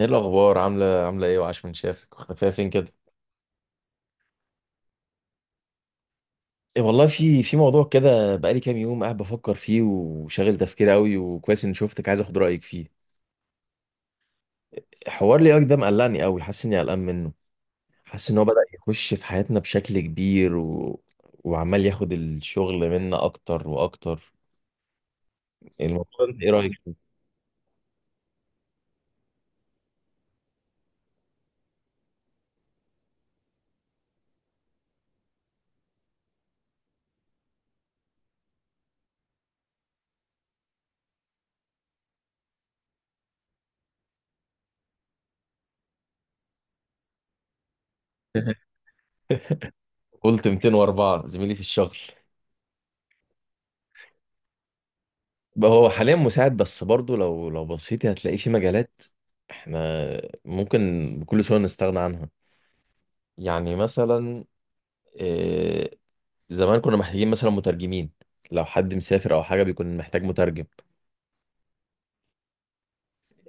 ايه الاخبار، عامله ايه؟ وعاش من شافك، وختفيه فين كده؟ إيه والله، في موضوع كده بقالي كام يوم قاعد بفكر فيه وشاغل تفكيري قوي، وكويس اني شفتك عايز اخد رايك فيه. حوار لي ده مقلقني قوي، حاسس اني قلقان منه. حاسس ان هو بدأ يخش في حياتنا بشكل كبير وعمال ياخد الشغل منا اكتر واكتر. الموضوع ده ايه رايك؟ قلت 204 زميلي في الشغل. بقى هو حاليا مساعد، بس برضه لو بصيتي هتلاقيه في مجالات احنا ممكن بكل سهوله نستغنى عنها. يعني مثلا، آه، زمان كنا محتاجين مثلا مترجمين، لو حد مسافر او حاجه بيكون محتاج مترجم.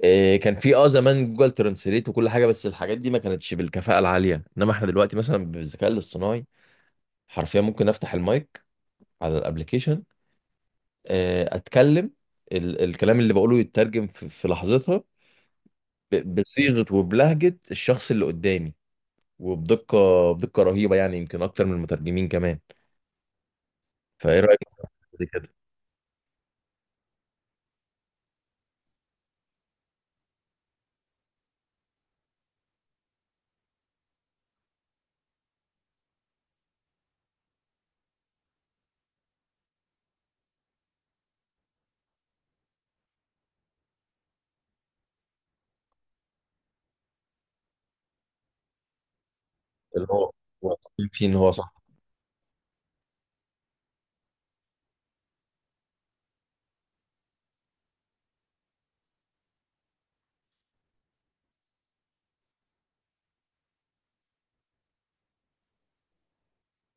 كان في زمان جوجل ترانسليت وكل حاجه، بس الحاجات دي ما كانتش بالكفاءه العاليه. انما احنا دلوقتي مثلا بالذكاء الاصطناعي حرفيا ممكن افتح المايك على الابليكيشن، اتكلم، الكلام اللي بقوله يترجم في لحظتها بصيغه وبلهجه الشخص اللي قدامي، وبدقه، بدقه رهيبه، يعني يمكن اكتر من المترجمين كمان. فايه رايك في كده؟ اللي هو هو طبيعي فيه ان هو صح.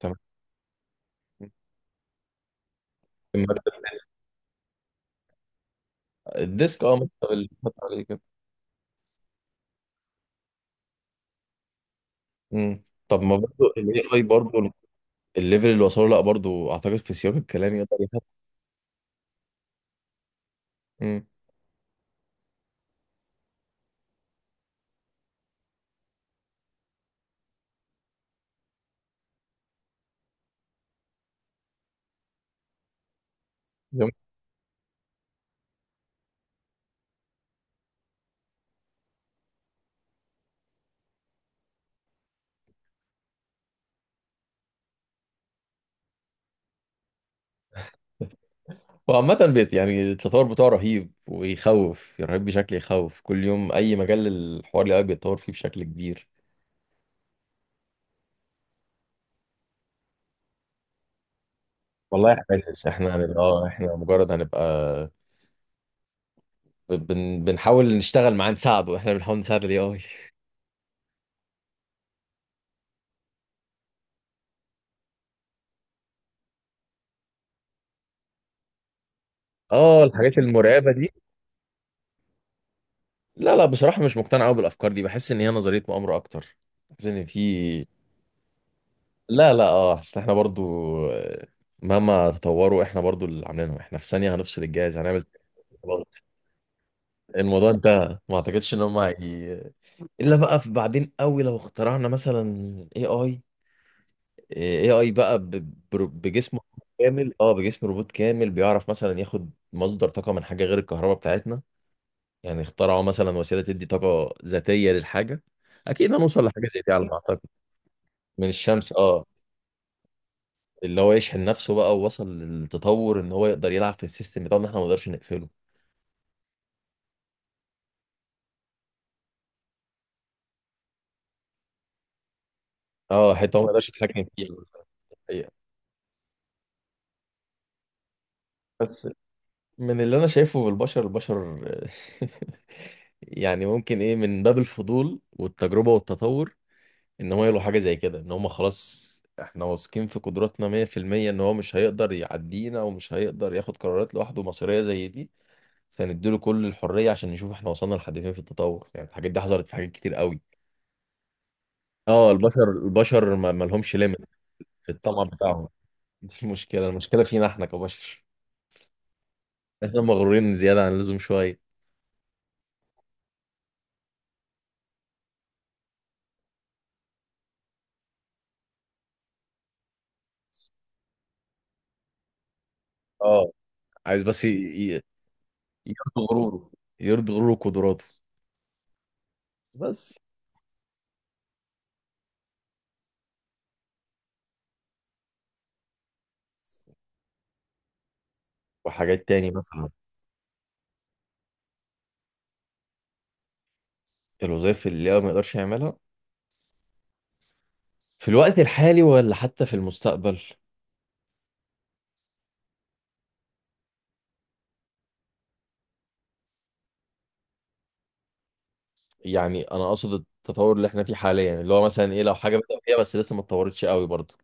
تمام. مكتب الديسك. الديسك، اه، مكتب اللي اتحط عليه كده. امم، طب ما برضه الاي اي برضه الليفل اللي وصله، لا برضه اعتقد في سياق الكلام يقدر يحط. امم. وعامة بيت يعني التطور بتاعه رهيب، ويخوف رهيب بشكل، يخوف كل يوم اي مجال الحوار اللي قاعد بيتطور فيه بشكل كبير. والله حاسس احنا هنبقى، اه، احنا مجرد هنبقى بنحاول نشتغل معاه، نساعده. احنا بنحاول نساعد الاي اي. اه الحاجات المرعبة دي. لا لا، بصراحة مش مقتنع قوي بالأفكار دي، بحس إن هي نظرية مؤامرة أكتر. بحس إن في، لا لا، اه، أصل إحنا برضو، آه، مهما تطوروا إحنا برضو اللي عاملينهم، إحنا في ثانية هنفصل الجهاز، هنعمل خلاص. الموضوع انتهى. ما أعتقدش إن هم إلا بقى في بعدين قوي لو اخترعنا مثلا اي اي. اي اي بقى بجسم كامل، اه، بجسم روبوت كامل، بيعرف مثلا ياخد مصدر طاقة من حاجة غير الكهرباء بتاعتنا. يعني اخترعوا مثلا وسيله تدي طاقه ذاتيه للحاجه. اكيد هنوصل لحاجه زي دي على ما اعتقد. من الشمس، اه. اللي هو يشحن نفسه بقى ووصل للتطور ان هو يقدر يلعب في السيستم بتاعنا، احنا ما نقدرش نقفله. اه حته هو ما يقدرش يتحكم فيها مثلا. الحقيقة. بس من اللي انا شايفه بالبشر، البشر يعني ممكن ايه من باب الفضول والتجربه والتطور، ان هو يلقوا حاجه زي كده، ان هم خلاص احنا واثقين في قدراتنا 100% ان هو مش هيقدر يعدينا، ومش هيقدر ياخد قرارات لوحده مصيريه زي دي، فنديله كل الحرية عشان نشوف احنا وصلنا لحد فين في التطور. يعني الحاجات دي حصلت في حاجات كتير قوي. اه البشر البشر ما لهمش ليميت في الطمع بتاعهم. دي المشكلة، المشكلة فينا احنا كبشر، احنا مغرورين زيادة عن اللزوم شوية. اه، عايز بس ي- يرضي غروره، يرضي غروره وقدراته. بس وحاجات تاني مثلا. الوظائف اللي هو ما يقدرش يعملها في الوقت الحالي ولا حتى في المستقبل. يعني انا اقصد التطور اللي احنا فيه حاليا، اللي هو مثلا ايه، لو حاجة بدأ فيها بس لسه ما اتطورتش قوي برضه.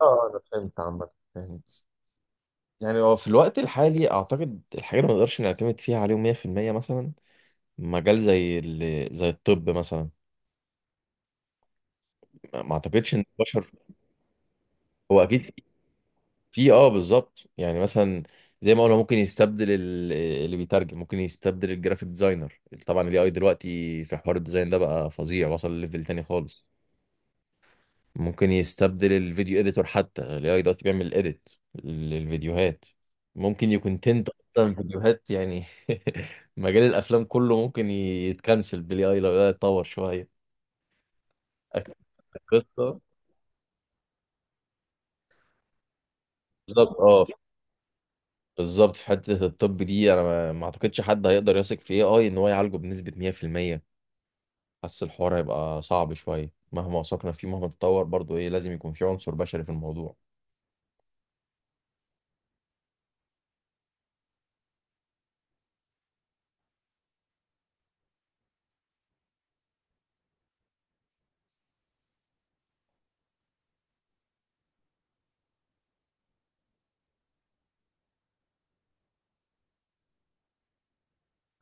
اه انا فهمت عامة، فهمت. يعني هو في الوقت الحالي اعتقد الحاجه اللي ما نقدرش نعتمد فيها عليهم 100%، مثلا مجال زي الطب مثلا. ما اعتقدش ان البشر، هو اكيد في، اه، بالظبط يعني مثلا زي ما قلنا ممكن يستبدل اللي بيترجم، ممكن يستبدل الجرافيك ديزاينر. طبعا الاي اي دلوقتي في حوار الديزاين ده بقى فظيع، وصل ليفل تاني خالص. ممكن يستبدل الفيديو اديتور، حتى ال AI دلوقتي بيعمل اديت للفيديوهات. ممكن يكون تنت اصلا فيديوهات يعني. مجال الافلام كله ممكن يتكنسل بالاي اي لو ده اتطور شويه أكتر. قصه، بالظبط اه، بالظبط في حته الطب دي انا ما اعتقدش حد هيقدر يثق في اي اي ان هو يعالجه بنسبه 100%. حاسس الحوار هيبقى صعب شويه، مهما وثقنا فيه، مهما تطور برضو، ايه، لازم يكون في عنصر بشري في الموضوع.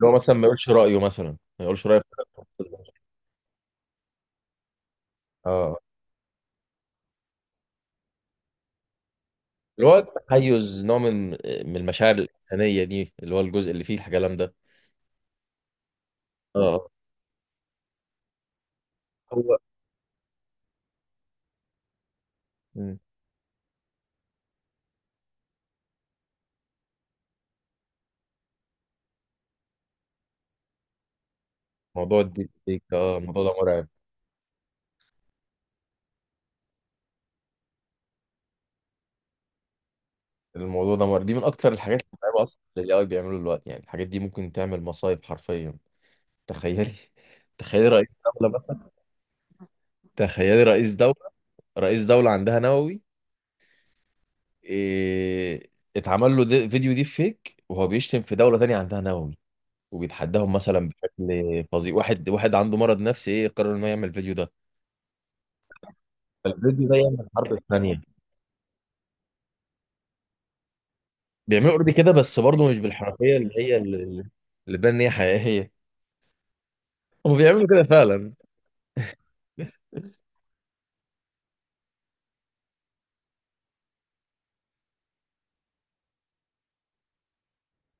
اللي هو مثلا ما يقولش رايه، مثلا ما يقولش رايه في، اه، اللي هو التحيز، نوع من من المشاعر الإنسانية دي، اللي هو الجزء اللي فيه الكلام ده. اه. هو مم. موضوع الديب فيك، اه الموضوع ده مرعب. الموضوع ده مرعب، دي من أكتر الحاجات المرعبة أصلا اللي ال AI بيعملوا دلوقتي. يعني الحاجات دي ممكن تعمل مصايب حرفيا. تخيلي، تخيلي رئيس دولة مثلا، تخيلي رئيس دولة، رئيس دولة عندها نووي، إيه... اتعمل له فيديو دي فيك، وهو بيشتم في دولة تانية عندها نووي، وبيتحداهم مثلا بشكل فظيع. واحد واحد عنده مرض نفسي، ايه، قرر انه يعمل فيديو ده، الفيديو ده يعمل الحرب الثانية. بيعملوا اوريدي كده، بس برضه مش بالحرفية اللي هي، اللي اللي تبان ان هي حقيقية. هم بيعملوا كده فعلا.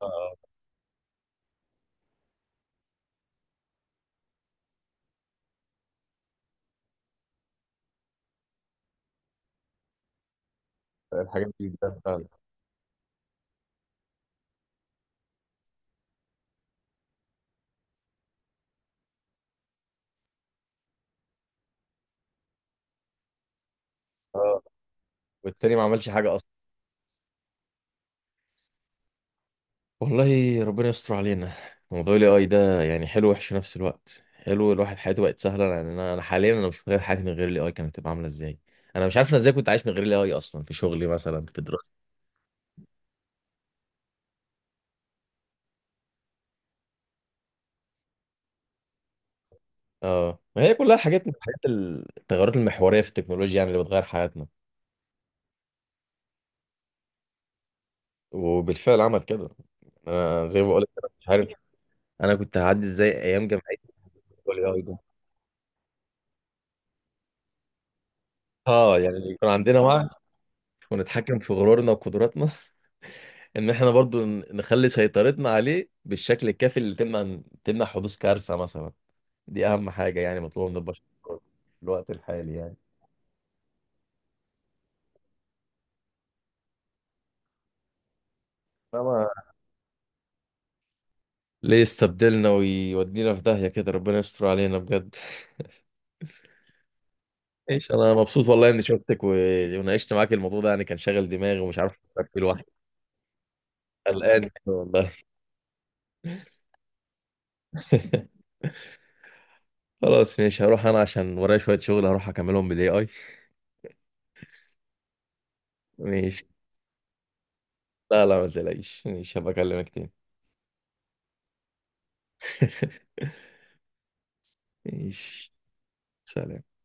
آه، الحاجات دي بتبان فعلا. اه، والتاني ما عملش حاجة أصلا. والله ربنا يستر علينا. موضوع الاي اي ده، يعني حلو وحش في نفس الوقت. حلو، الواحد حياته بقت سهلة. يعني أنا حاليا أنا مش متخيل حياتي من غير الاي اي كانت هتبقى عاملة إزاي. أنا مش عارف أنا إزاي كنت عايش من غير الاي اي أصلا، في شغلي مثلا، في دراستي. اه ما هي كلها حاجات من الحاجات، التغيرات المحورية في التكنولوجيا، يعني اللي بتغير حياتنا. وبالفعل عمل كده. انا زي ما بقول لك انا مش عارف انا كنت هعدي ازاي ايام جامعتي والاي اي ده. اه، يعني كان عندنا وعي، ونتحكم في غرورنا وقدراتنا ان احنا برضو نخلي سيطرتنا عليه بالشكل الكافي، اللي تمنع حدوث كارثة مثلا. دي اهم حاجة يعني مطلوبة من البشر في الوقت الحالي يعني. فما ليه يستبدلنا ويودينا في داهية كده؟ ربنا يستر علينا بجد. ايش، انا مبسوط والله اني شفتك وناقشت معاك الموضوع ده، يعني كان شاغل دماغي ومش عارف افكر فيه لوحدي. قلقان والله. خلاص ماشي، هروح انا عشان ورايا شوية شغل، هروح اكملهم بالاي اي. ماشي. لا لا ما تقلقيش، ماشي، هبقى اكلمك تاني. ماشي، سلام.